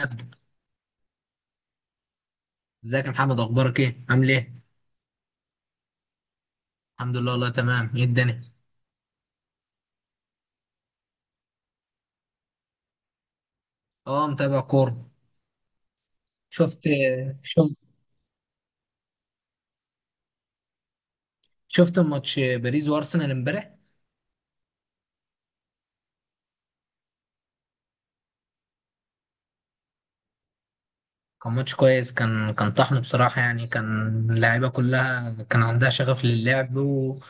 ابدا، ازيك يا محمد؟ اخبارك ايه؟ عامل ايه؟ الحمد لله، والله تمام. ايه الدنيا؟ اه، متابع كوره. شفت شفت شفت ماتش باريس وارسنال امبارح؟ كان ماتش كويس، كان طحن بصراحه يعني كان. اللعيبه كلها كان عندها شغف للعب،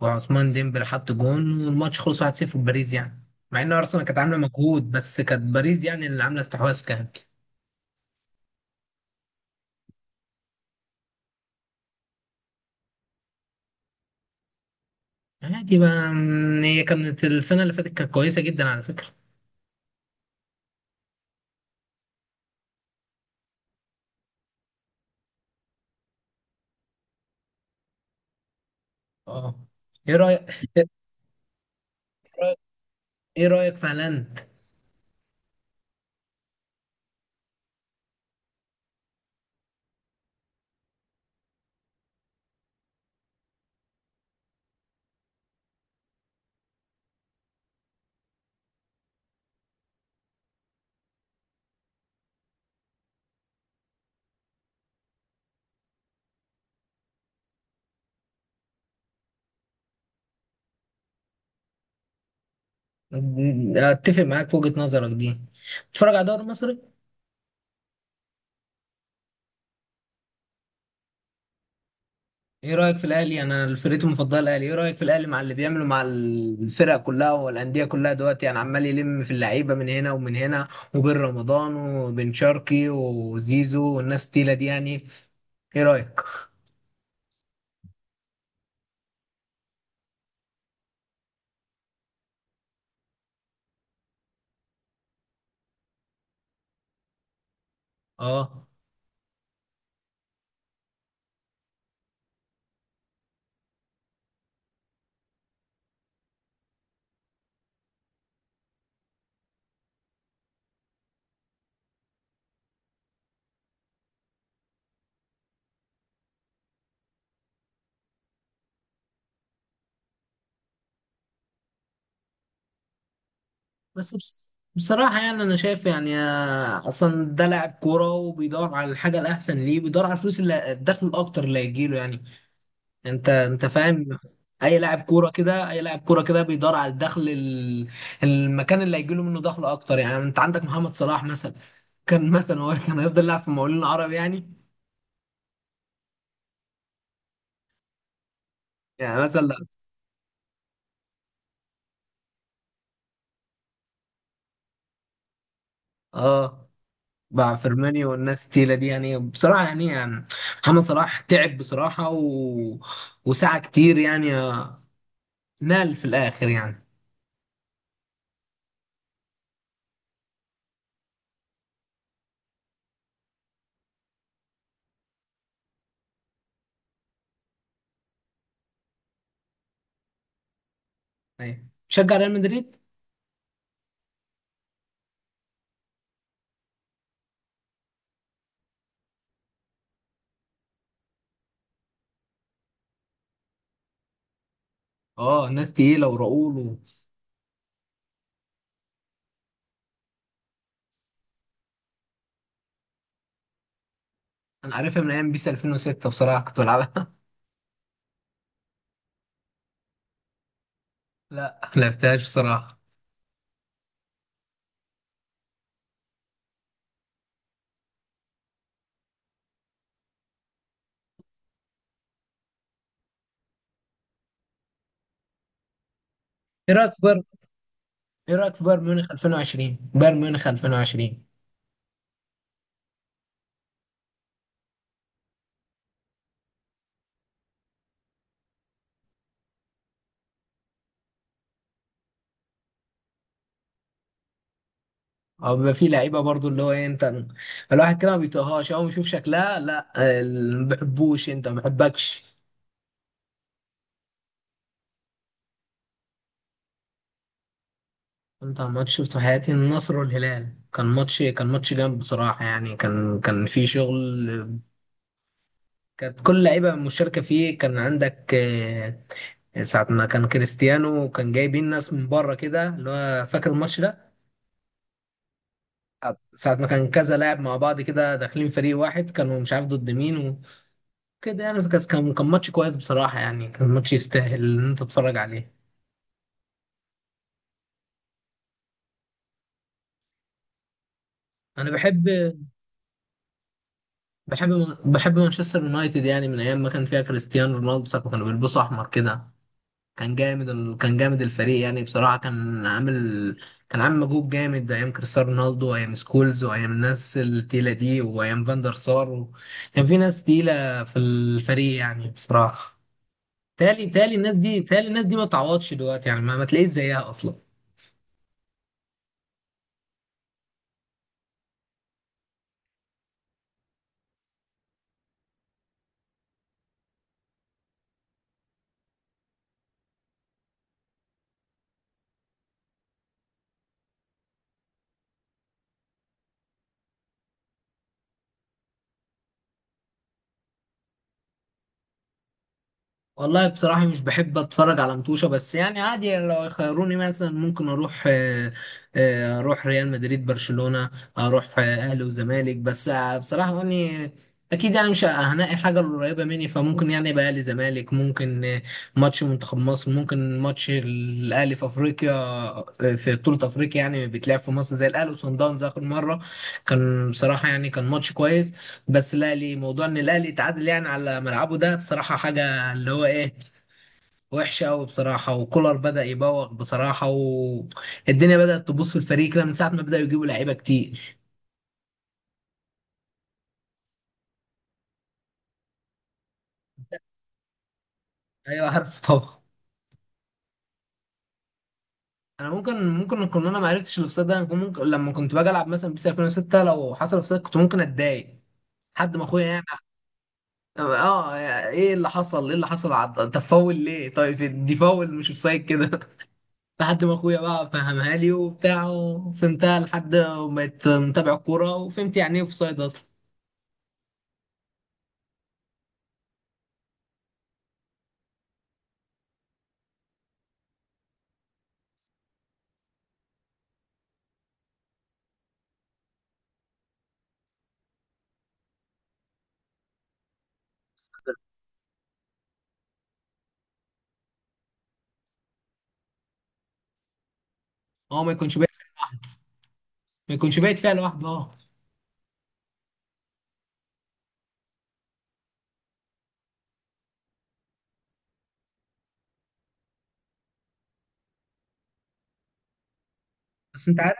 وعثمان ديمبلي حط جون والماتش خلص 1-0 باريس يعني. مع ان ارسنال كانت عامله مجهود، بس كانت باريس يعني اللي عامله استحواذ كانت. عادي بقى. هي كانت السنه اللي فاتت كانت كويسه جدا على فكره. اه، ايه رايك؟ ايه رأيك في هالاند؟ اتفق معاك في وجهة نظرك دي. بتتفرج على الدوري المصري؟ ايه رأيك في الاهلي؟ انا فرقتي المفضلة الاهلي. ايه رأيك في الاهلي مع اللي بيعمله مع الفرق كلها والاندية كلها دلوقتي؟ يعني عمال يلم في اللعيبة من هنا ومن هنا، وبين رمضان وبن شرقي وزيزو والناس التقيلة دي يعني. ايه رأيك؟ اه. بس بس، بصراحة يعني أنا شايف يعني، أصلا ده لاعب كورة وبيدور على الحاجة الأحسن. ليه بيدور على الفلوس اللي الدخل الأكتر اللي هيجيله يعني. انت فاهم؟ اي لاعب كوره كده بيدور على الدخل، المكان اللي هيجي له منه دخل اكتر يعني. انت عندك محمد صلاح مثلا، كان مثلا هو كان هيفضل يلعب في المقاولين العرب يعني مثلا. اه، مع فيرمينيو والناس التقيله دي يعني، بصراحه يعني، محمد صلاح تعب بصراحه، وسعى كتير يعني، نال في الاخر يعني. ايوه، شجع ريال مدريد. اه، ناس تقيله وراؤول انا عارفها من ايام بيس 2006 بصراحه، كنت بلعبها. لا، ما لعبتهاش بصراحه. ايه رايك في بايرن؟ ايه رايك في بايرن ميونخ 2020؟ بايرن ميونخ 2020. او بيبقى فيه لعيبه برضو، اللي هو ايه، انت الواحد كده ما بيطيقهاش اول ما يشوف شكلها، لا. ما بحبوش، انت ما بحبكش. انت ماتش شفته في حياتي، النصر والهلال. كان ماتش جامد بصراحه يعني، كان في شغل. كانت كل لعيبه مشاركه فيه. كان عندك ساعه ما كان كريستيانو، كان جايبين ناس من بره كده، اللي هو فاكر الماتش ده. ساعة ما كان كذا لاعب مع بعض كده داخلين فريق واحد، كانوا مش عارف ضد مين كده يعني. فكاس كان ماتش كويس بصراحة يعني، كان ماتش يستاهل إن أنت تتفرج عليه. أنا بحب بحب مانشستر يونايتد يعني، من أيام ما كان فيها كريستيانو رونالدو ساعة ما كانوا بيلبسوا أحمر كده. كان جامد الفريق يعني، بصراحة كان عامل مجهود جامد أيام كريستيانو رونالدو وأيام سكولز وأيام الناس التقيلة دي وأيام فاندر سار، كان في ناس تقيلة في الفريق يعني بصراحة. تالي الناس دي ما تعوضش دلوقتي يعني، ما تلاقيش زيها أصلا. والله بصراحة مش بحب أتفرج على متوشة، بس يعني عادي يعني. لو يخيروني مثلا، ممكن أروح آه، آه، أروح ريال مدريد برشلونة، أروح أهلي وزمالك. بس بصراحة يعني، أكيد يعني مش هنقي حاجة قريبة مني، فممكن يعني يبقى أهلي زمالك. ممكن ماتش منتخب مصر، ممكن ماتش الأهلي في أفريقيا، في بطولة أفريقيا يعني، بيتلعب في مصر زي الأهلي وصن داونز آخر مرة. كان بصراحة يعني كان ماتش كويس. بس الأهلي، موضوع إن الأهلي يتعادل يعني على ملعبه ده بصراحة حاجة، اللي هو ايه، وحشه قوي بصراحه. وكولر بدأ يبوغ بصراحه، والدنيا بدأت تبوظ في الفريق كده من ساعه ما بدأوا يجيبوا لعيبه كتير. ايوه، عارف طبعا. انا ممكن كنت، انا ما عرفتش الاوفسايد ده. أنا كنت ممكن لما كنت باجي العب مثلا بيس 2006، لو حصل اوفسايد كنت ممكن اتضايق حد ما اخويا يعني. اه، ايه اللي حصل، انت فاول ليه؟ طيب دي فاول مش اوفسايد كده. لحد ما اخويا بقى فهمها لي وبتاع وفهمتها، لحد ما بقيت متابع الكوره وفهمت يعني ايه اوفسايد اصلا. هو ما يكونش بيحصل، ما يكونش بايت فيها لوحده، اه. بس انت عارف،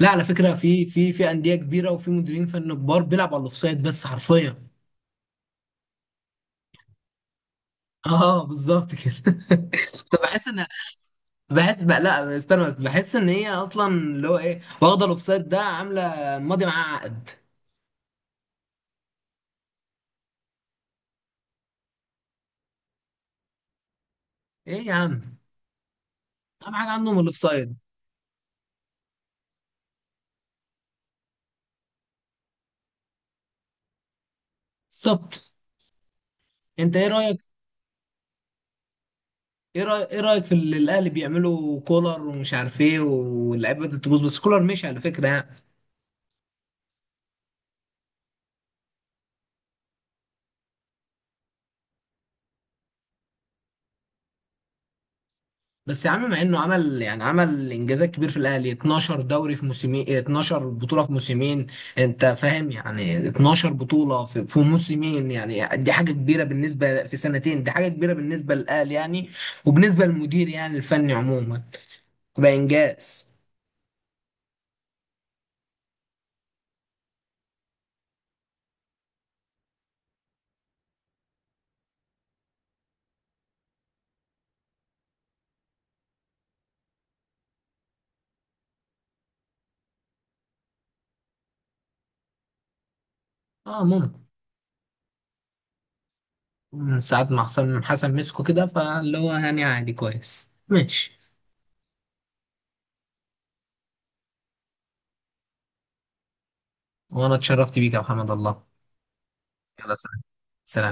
لا على فكره، في انديه كبيره وفي مديرين فن كبار بيلعبوا على الاوفسايد بس حرفيا. اه، بالظبط كده. طب بحس ان، بحس بقى، لا استنى، بس بحس ان هي اصلا اللي هو ايه واخده الاوفسايد ده، عامله ماضي معاه عقد. ايه يا عم، اهم حاجه عندهم الاوفسايد. بالظبط. انت ايه رايك؟ ايه رايك في اللي الاهلي بيعملوا، كولر ومش عارف ايه، واللعيبه بدات تبوظ. بس كولر مشي على فكره يعني. بس يا عم، مع انه عمل انجازات كبير في الاهلي، 12 دوري في موسمين، 12 بطوله في موسمين. انت فاهم يعني؟ 12 بطوله في موسمين يعني، دي حاجه كبيره بالنسبه، في سنتين دي حاجه كبيره بالنسبه للاهلي يعني، وبالنسبه للمدير يعني الفني عموما، تبقى انجاز. اه ممكن. من ساعات ما حسن حسن مسكه كده، فاللي هو يعني عادي، كويس ماشي. وانا اتشرفت بيك يا محمد، الله. يلا، سلام. سلام.